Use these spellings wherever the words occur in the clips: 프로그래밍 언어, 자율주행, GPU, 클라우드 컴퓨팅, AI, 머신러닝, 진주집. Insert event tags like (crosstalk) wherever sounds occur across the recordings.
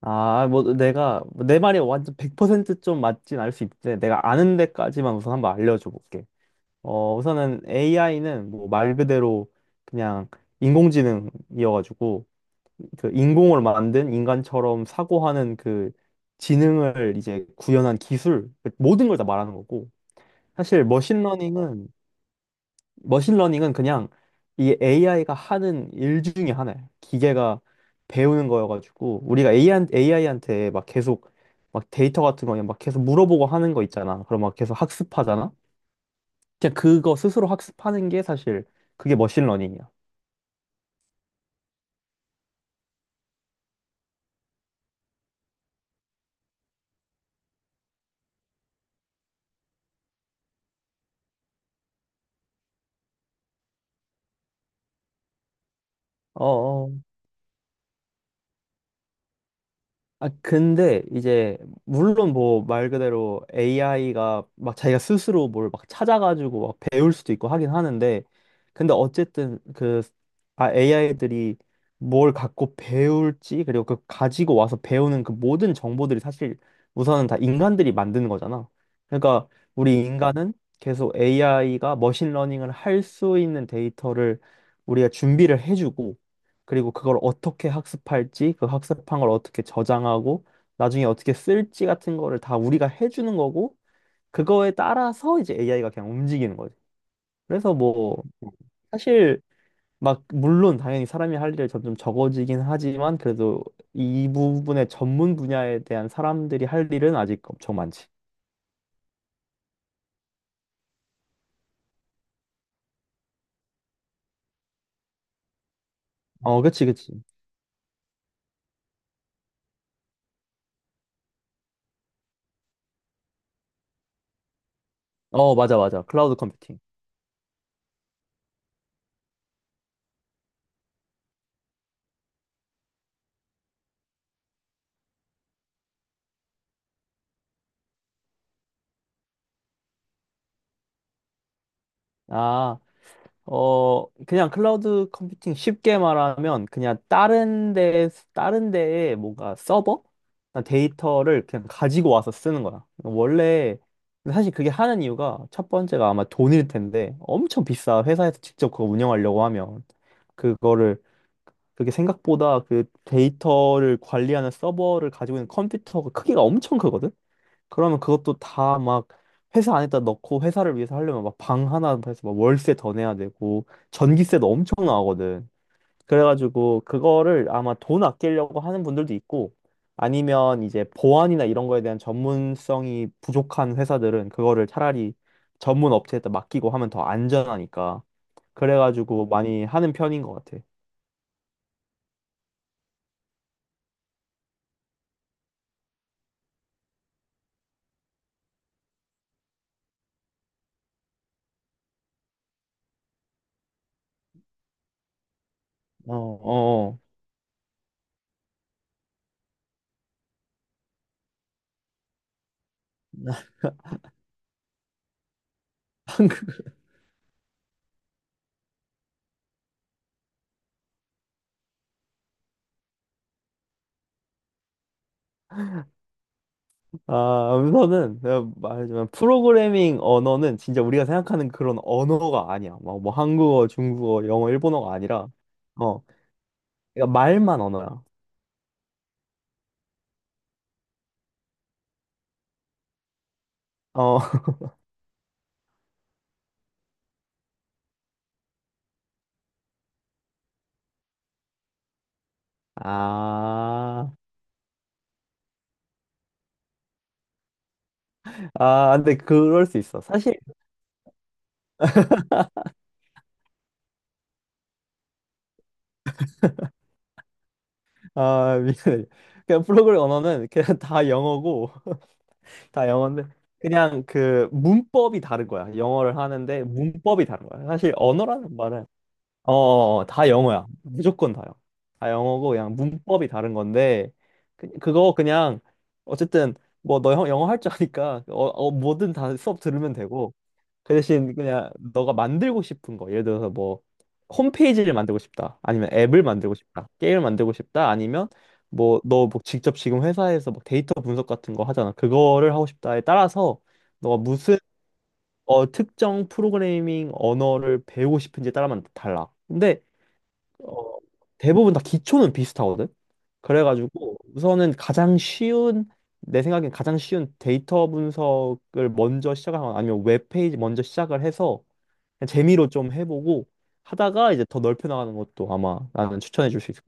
아, 뭐 내가 내 말이 완전 100% 좀 맞진 않을 수 있는데 내가 아는 데까지만 우선 한번 알려줘 볼게. 어, 우선은 AI는 뭐 말 그대로 그냥 인공지능이어가지고 그 인공을 만든 인간처럼 사고하는 그 지능을 이제 구현한 기술 모든 걸 다 말하는 거고. 사실 머신러닝은 그냥 이 AI가 하는 일 중에 하나야. 기계가 배우는 거여가지고 우리가 AI, 한테 막 계속 막 데이터 같은 거 그냥 막 계속 물어보고 하는 거 있잖아. 그럼 막 계속 학습하잖아. 그냥 그거 스스로 학습하는 게 사실 그게 머신러닝이야. 어, 아, 근데 이제 물론 뭐 말 그대로 AI가 막 자기가 스스로 뭘 막 찾아가지고 막 배울 수도 있고 하긴 하는데, 근데 어쨌든 그 아, AI들이 뭘 갖고 배울지, 그리고 그 가지고 와서 배우는 그 모든 정보들이 사실 우선은 다 인간들이 만드는 거잖아. 그러니까 우리 인간은 계속 AI가 머신러닝을 할 수 있는 데이터를 우리가 준비를 해주고, 그리고 그걸 어떻게 학습할지, 그 학습한 걸 어떻게 저장하고, 나중에 어떻게 쓸지 같은 거를 다 우리가 해주는 거고, 그거에 따라서 이제 AI가 그냥 움직이는 거지. 그래서 뭐, 사실 막, 물론 당연히 사람이 할 일이 점점 적어지긴 하지만, 그래도 이 부분의 전문 분야에 대한 사람들이 할 일은 아직 엄청 많지. 어, 그치, 그치. 어, 맞아, 맞아. 클라우드 컴퓨팅. 아. 어, 그냥 클라우드 컴퓨팅 쉽게 말하면 그냥 다른 데에 뭔가 서버? 데이터를 그냥 가지고 와서 쓰는 거야. 원래, 사실 그게 하는 이유가 첫 번째가 아마 돈일 텐데 엄청 비싸. 회사에서 직접 그거 운영하려고 하면. 그거를, 그게 생각보다 그 데이터를 관리하는 서버를 가지고 있는 컴퓨터가 크기가 엄청 크거든? 그러면 그것도 다 막 회사 안에다 넣고 회사를 위해서 하려면 막 방 하나 해서 막 월세 더 내야 되고 전기세도 엄청 나가거든. 그래가지고 그거를 아마 돈 아끼려고 하는 분들도 있고, 아니면 이제 보안이나 이런 거에 대한 전문성이 부족한 회사들은 그거를 차라리 전문 업체에다 맡기고 하면 더 안전하니까. 그래가지고 많이 하는 편인 것 같아. 어, 어. 아, 우선은 내가 말하지만 프로그래밍 언어는 진짜 우리가 생각하는 그런 언어가 아니야. 막 뭐 한국어, 중국어, 영어, 일본어가 아니라 어, 그러니까 말만 언어야. 어, (laughs) 아, 아, 근데 그럴 수 있어. 사실 아, 미안해. 그냥 프로그래밍 언어는 그냥 다 영어고 (laughs) 다 영어인데 그냥 그 문법이 다른 거야. 영어를 하는데 문법이 다른 거야. 사실 언어라는 말은 어, 어, 어. 다 영어야. 무조건 다요. 다 영어고 그냥 문법이 다른 건데 그거 그냥 어쨌든 뭐 너 영어 할 줄 아니까 어, 어, 뭐든 다 수업 들으면 되고, 그 대신 그냥 너가 만들고 싶은 거 예를 들어서 뭐 홈페이지를 만들고 싶다, 아니면 앱을 만들고 싶다, 게임을 만들고 싶다, 아니면 뭐 너 뭐 직접 지금 회사에서 뭐 데이터 분석 같은 거 하잖아, 그거를 하고 싶다에 따라서 너가 무슨 어, 특정 프로그래밍 언어를 배우고 싶은지에 따라만 달라. 근데 어, 대부분 다 기초는 비슷하거든. 그래가지고 우선은 가장 쉬운, 내 생각엔 가장 쉬운 데이터 분석을 먼저 시작하거나 아니면 웹페이지 먼저 시작을 해서 그냥 재미로 좀 해보고 하다가 이제 더 넓혀 나가는 것도 아마 나는 추천해 줄 수 있을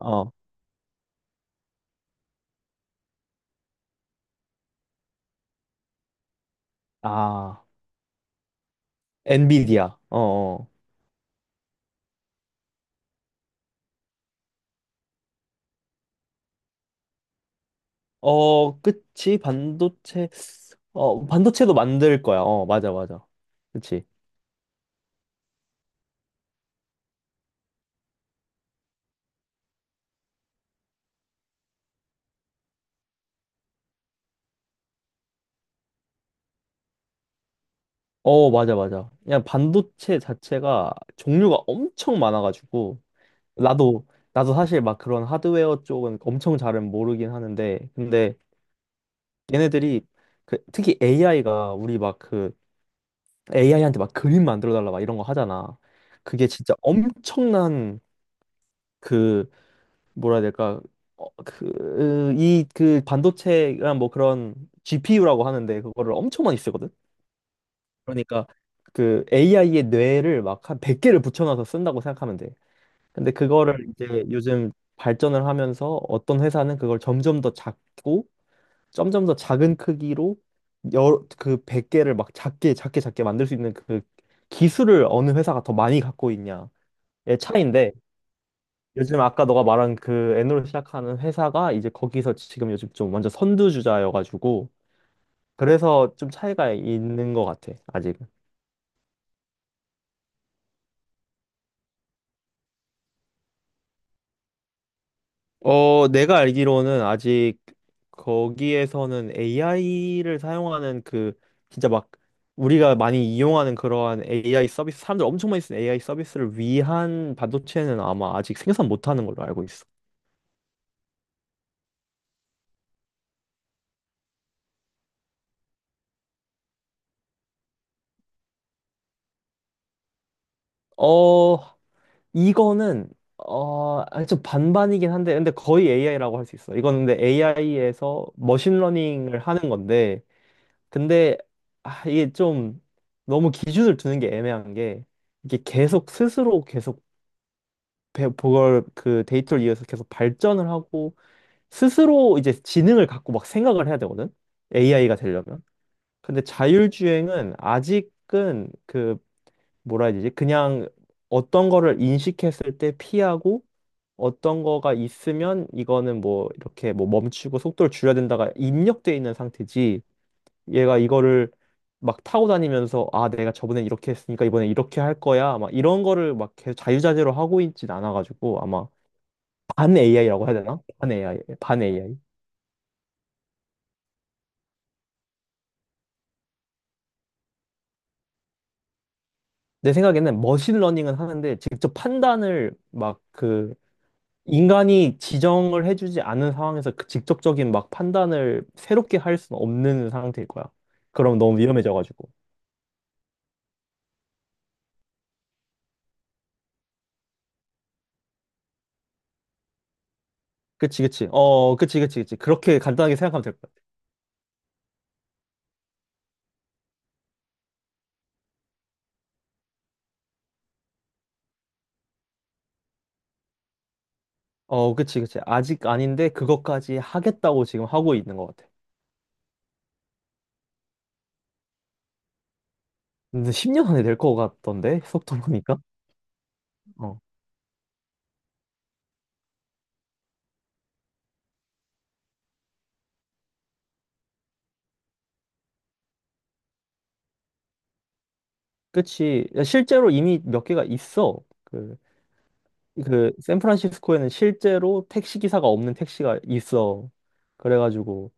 거야. 어. 아, 엔비디아. 어, 어. 어, 그치. 반도체. 어, 반도체도 만들 거야. 어, 맞아, 맞아. 그치. 어, 맞아, 맞아. 그냥 반도체 자체가 종류가 엄청 많아가지고 나도 나도 사실 막 그런 하드웨어 쪽은 엄청 잘은 모르긴 하는데, 근데 얘네들이 그 특히 AI가 우리 막 그 AI한테 막 그림 만들어 달라 막 이런 거 하잖아. 그게 진짜 엄청난 그 뭐라 해야 될까? 어, 반도체가 뭐 그런 GPU라고 하는데, 그거를 엄청 많이 쓰거든? 그러니까 그 AI의 뇌를 막 한 100개를 붙여놔서 쓴다고 생각하면 돼. 근데 그거를 이제 요즘 발전을 하면서 어떤 회사는 그걸 점점 더 작고 점점 더 작은 크기로 여러 그 100개를 막 작게 작게 작게 만들 수 있는 그 기술을 어느 회사가 더 많이 갖고 있냐의 차이인데, 요즘 아까 너가 말한 그 N으로 시작하는 회사가 이제 거기서 지금 요즘 좀 완전 선두주자여가지고 그래서 좀 차이가 있는 것 같아 아직. 어, 내가 알기로는 아직 거기에서는 AI를 사용하는 그 진짜 막 우리가 많이 이용하는 그러한 AI 서비스, 사람들 엄청 많이 쓰는 AI 서비스를 위한 반도체는 아마 아직 생산 못하는 걸로 알고 있어. 어, 이거는 어, 아니, 좀 반반이긴 한데, 근데 거의 AI라고 할 수 있어. 이거는 근데 AI에서 머신러닝을 하는 건데, 근데 아, 이게 좀 너무 기준을 두는 게 애매한 게 이게 계속 스스로 계속 그걸 그 데이터를 이어서 계속 발전을 하고 스스로 이제 지능을 갖고 막 생각을 해야 되거든. AI가 되려면. 근데 자율주행은 아직은 그 뭐라 해야 되지? 그냥 어떤 거를 인식했을 때 피하고 어떤 거가 있으면 이거는 뭐 이렇게 뭐 멈추고 속도를 줄여야 된다가 입력돼 있는 상태지. 얘가 이거를 막 타고 다니면서 아 내가 저번에 이렇게 했으니까 이번에 이렇게 할 거야 막 이런 거를 막 계속 자유자재로 하고 있진 않아가지고 아마 반 AI라고 해야 되나? 반 AI, 반 AI. 내 생각에는 머신러닝은 하는데 직접 판단을 막 그 인간이 지정을 해주지 않은 상황에서 그 직접적인 막 판단을 새롭게 할 수는 없는 상태일 거야. 그럼 너무 위험해져가지고. 그치, 그치. 어, 그치, 그치, 그치. 그렇게 간단하게 생각하면 될 것 같아. 어, 그치, 그치. 아직 아닌데 그것까지 하겠다고 지금 하고 있는 것 같아. 근데 10년 안에 될 것 같던데? 속도 보니까. 어. 그치. 실제로 이미 몇 개가 있어. 그 그 샌프란시스코에는 실제로 택시 기사가 없는 택시가 있어. 그래가지고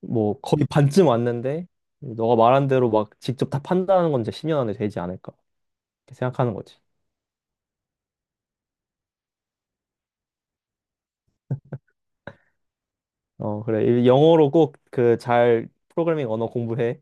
뭐 거의 반쯤 왔는데 너가 말한 대로 막 직접 다 판단하는 건 이제 10년 안에 되지 않을까 이렇게 생각하는 거지. 어 그래 영어로 꼭 그 잘 프로그래밍 언어 공부해.